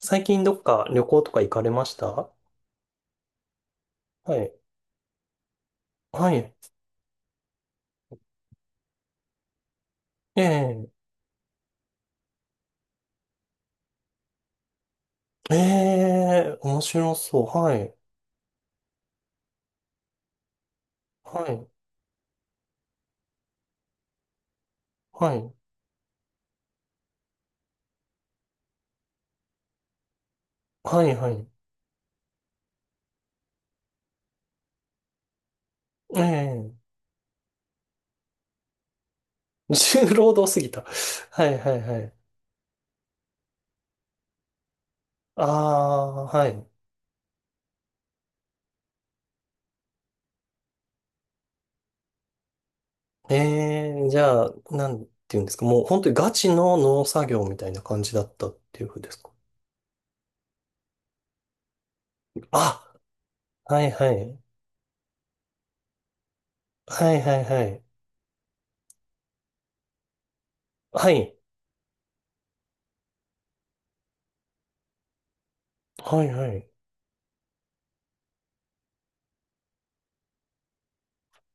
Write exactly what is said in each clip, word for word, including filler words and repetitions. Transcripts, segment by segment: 最近どっか旅行とか行かれましたは、い。はい。ええ。ええ、面白そう。はい。はい。はい。はい、はい。ええ。重労働すぎた。はい、はい、はい。ああ、はい。ええ、じゃあ、なんていうんですか。もう本当にガチの農作業みたいな感じだったっていうふうですか。あ、はい、はい。はい、はい、はい。はい。はい、はい。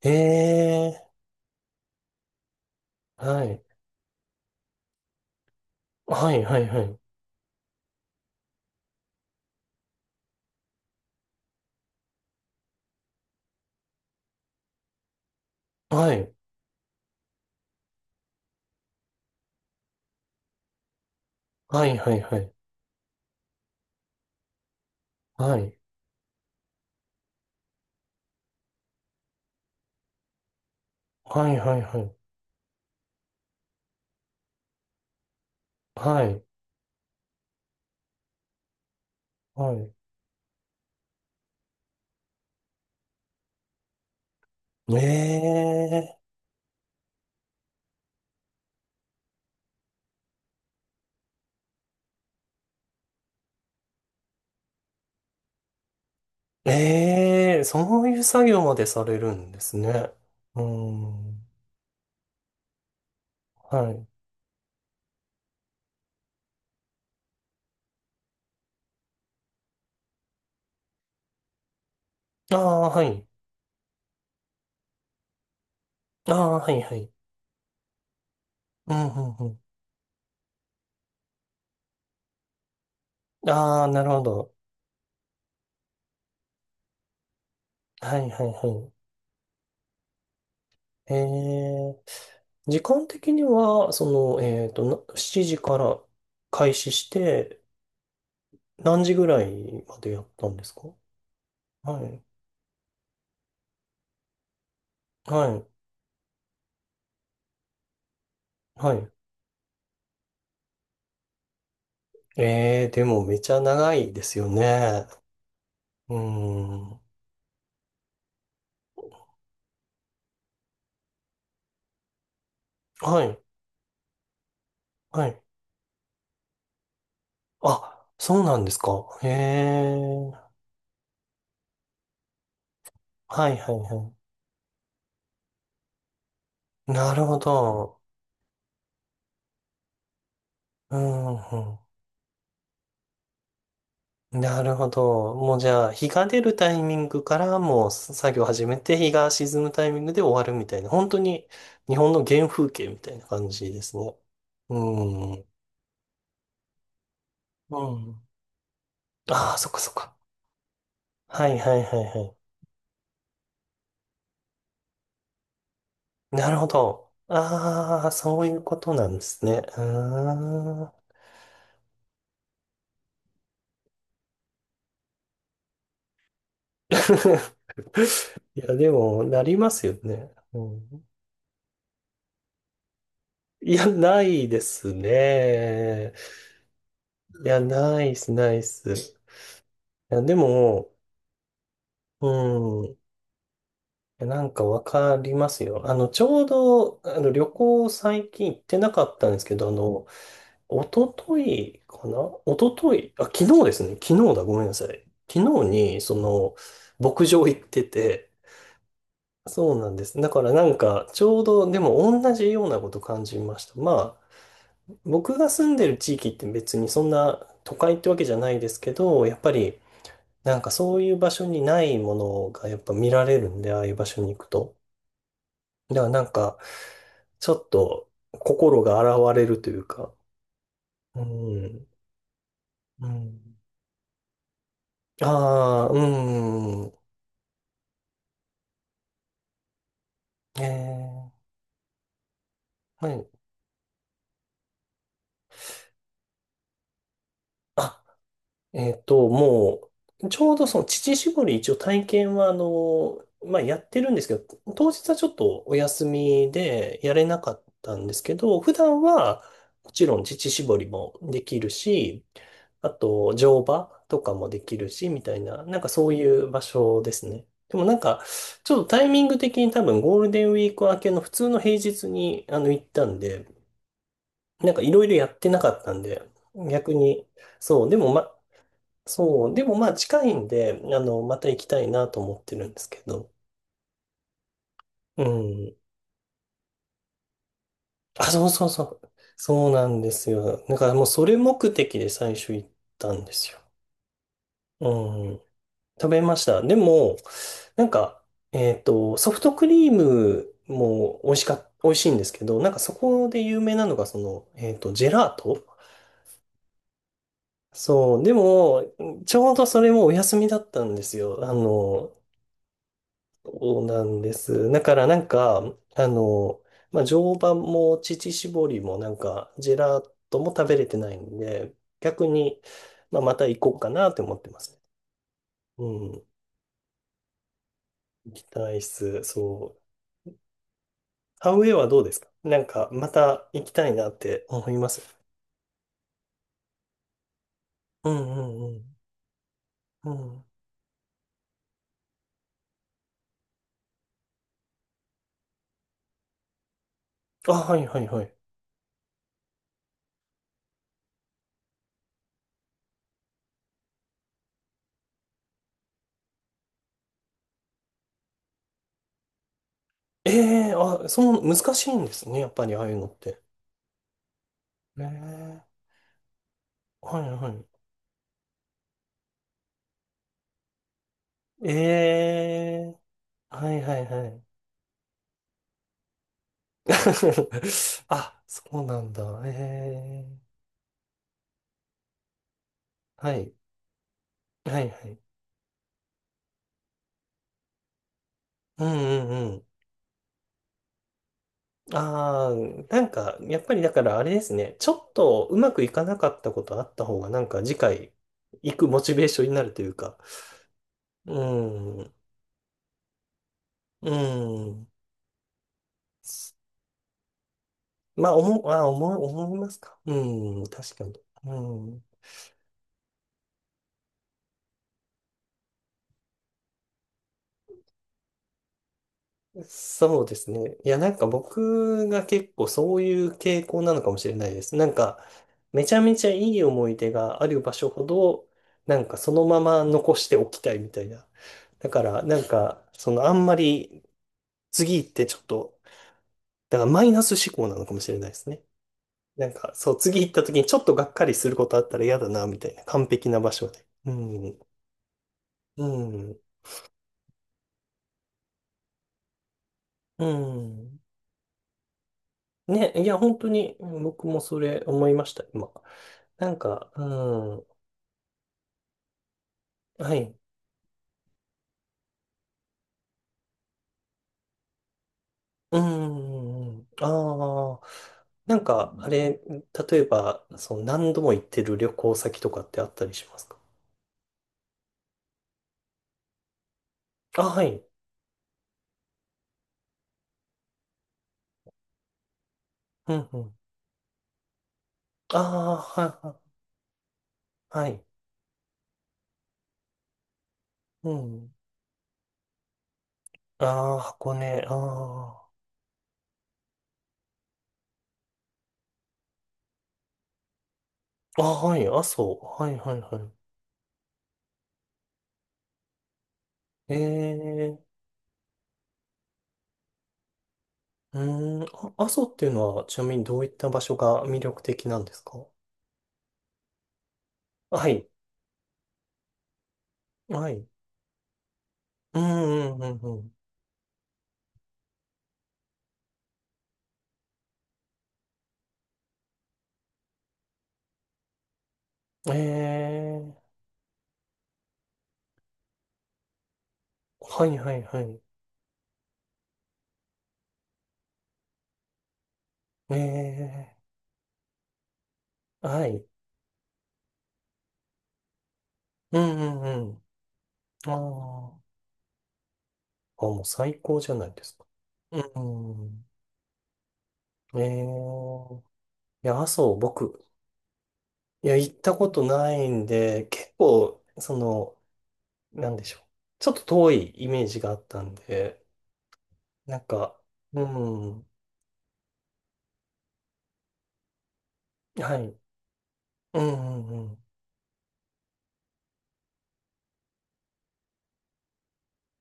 ええ、はい。はい、はい、はい。はい。はいはいはい。はい。はいはいはい。はい。はい。ええ、ええ、そういう作業までされるんですね。うーん。はい。ああ、はい。ああ、はいはい。うん、うん、うん。ああ、なるほど。はいはいはい。ええ、時間的には、その、えっと、なしちじから開始して、何時ぐらいまでやったんですか？はい。はい。はい。ええ、でもめちゃ長いですよね。うん。はい、はい。あ、そうなんですか。へえ。はい、はい、はい。なるほど。うん、うん。なるほど。もうじゃあ、日が出るタイミングからもう作業始めて、日が沈むタイミングで終わるみたいな、本当に日本の原風景みたいな感じですね。うん。うん。ああ、そっかそっか。はい、はい、はい、はい。なるほど。ああ、そういうことなんですね。ああ。 いや、でも、なりますよね。うん、いや、ないですね。いや、ないっす、ないっす。いや、でも、うん。いやなんかわかりますよ。あの、ちょうど、あの、旅行最近行ってなかったんですけど、あの、一昨日かな、一昨日、あ、昨日ですね。昨日だ。ごめんなさい。昨日に、その、牧場行ってて、そうなんです。だからなんか、ちょうどでも同じようなこと感じました。まあ、僕が住んでる地域って別にそんな都会ってわけじゃないですけど、やっぱりなんかそういう場所にないものがやっぱ見られるんで、ああいう場所に行くと。だからなんか、ちょっと心が洗われるというか、うん、うん。ああ、うん。ええ、はい。あ、えっと、もう、ちょうどその乳搾り一応体験は、あの、まあ、やってるんですけど、当日はちょっとお休みでやれなかったんですけど、普段はもちろん乳搾りもできるし、あと乗馬とかもできるし、みたいな、なんかそういう場所ですね。でもなんか、ちょっとタイミング的に多分ゴールデンウィーク明けの普通の平日にあの行ったんで、なんかいろいろやってなかったんで、逆に、そう、でもま、そう、でもまあ近いんで、あの、また行きたいなと思ってるんですけど。うん。あ、そうそうそう。そうなんですよ。だからもうそれ目的で最初行ったんですよ。うん。食べました。でも、なんか、えっと、ソフトクリームも美味しか、美味しいんですけど、なんかそこで有名なのがその、えっと、ジェラート。そう、でも、ちょうどそれもお休みだったんですよ。あの、そうなんです。だからなんか、あの、まあ、常磐も乳搾りもなんか、ジェラートも食べれてないんで、逆に、まあ、また行こうかなって思ってますね。うん。行きたいっす。そう。ハウェイはどうですか？なんか、また行きたいなって思います。うんうんうん。うん。あ、はいはいはい。ええ、あ、そう、難しいんですね。やっぱりああいうのって。ええ、はいはい。ええ、はいはいはい。あ、そうなんだ。ええ。はい。はいはい。うんうんうん。ああ、なんか、やっぱりだからあれですね。ちょっとうまくいかなかったことあった方が、なんか次回行くモチベーションになるというか。うん。うん。まあ、思う、あ、思う、思いますか？うん、確かに。うん。そうですね。いや、なんか僕が結構そういう傾向なのかもしれないです。なんか、めちゃめちゃいい思い出がある場所ほど、なんかそのまま残しておきたいみたいな。だから、なんか、そのあんまり次行ってちょっと、だからマイナス思考なのかもしれないですね。なんか、そう、次行った時にちょっとがっかりすることあったら嫌だな、みたいな。完璧な場所で。うん。うん。うん。ね、いや、本当に、うん、僕もそれ思いました、今。なんか、うん、はい。うん、ああ、なんか、あれ、例えば、その何度も行ってる旅行先とかってあったりしますか？あ、はい。うん、うん。ああ、はい、はい。うん。ああ、箱根、ああ。あ、はい、阿蘇。はい、はい、はい。ええ、うん、あ、阿蘇っていうのは、ちなみにどういった場所が魅力的なんですか？はい、はい。うんうんうんうん。ええ、はいはいはい。ええ、はい。うんうんうん。ああ、あ、もう最高じゃないですか。うんうん、ええ、いや、阿蘇、僕、いや、行ったことないんで、結構、その、なんでしょう。ちょっと遠いイメージがあったんで、なんか、うん、はい。うんうんうん。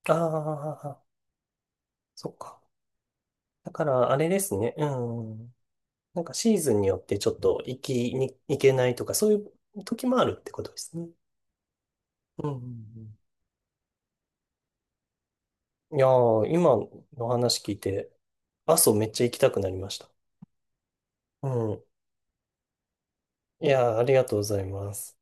ああ、そっか。だから、あれですね。うん。なんかシーズンによってちょっと行きに行けないとか、そういう時もあるってことですね。うんうんうん。いやー、今の話聞いて、阿蘇めっちゃ行きたくなりました。うん。いやー、ありがとうございます。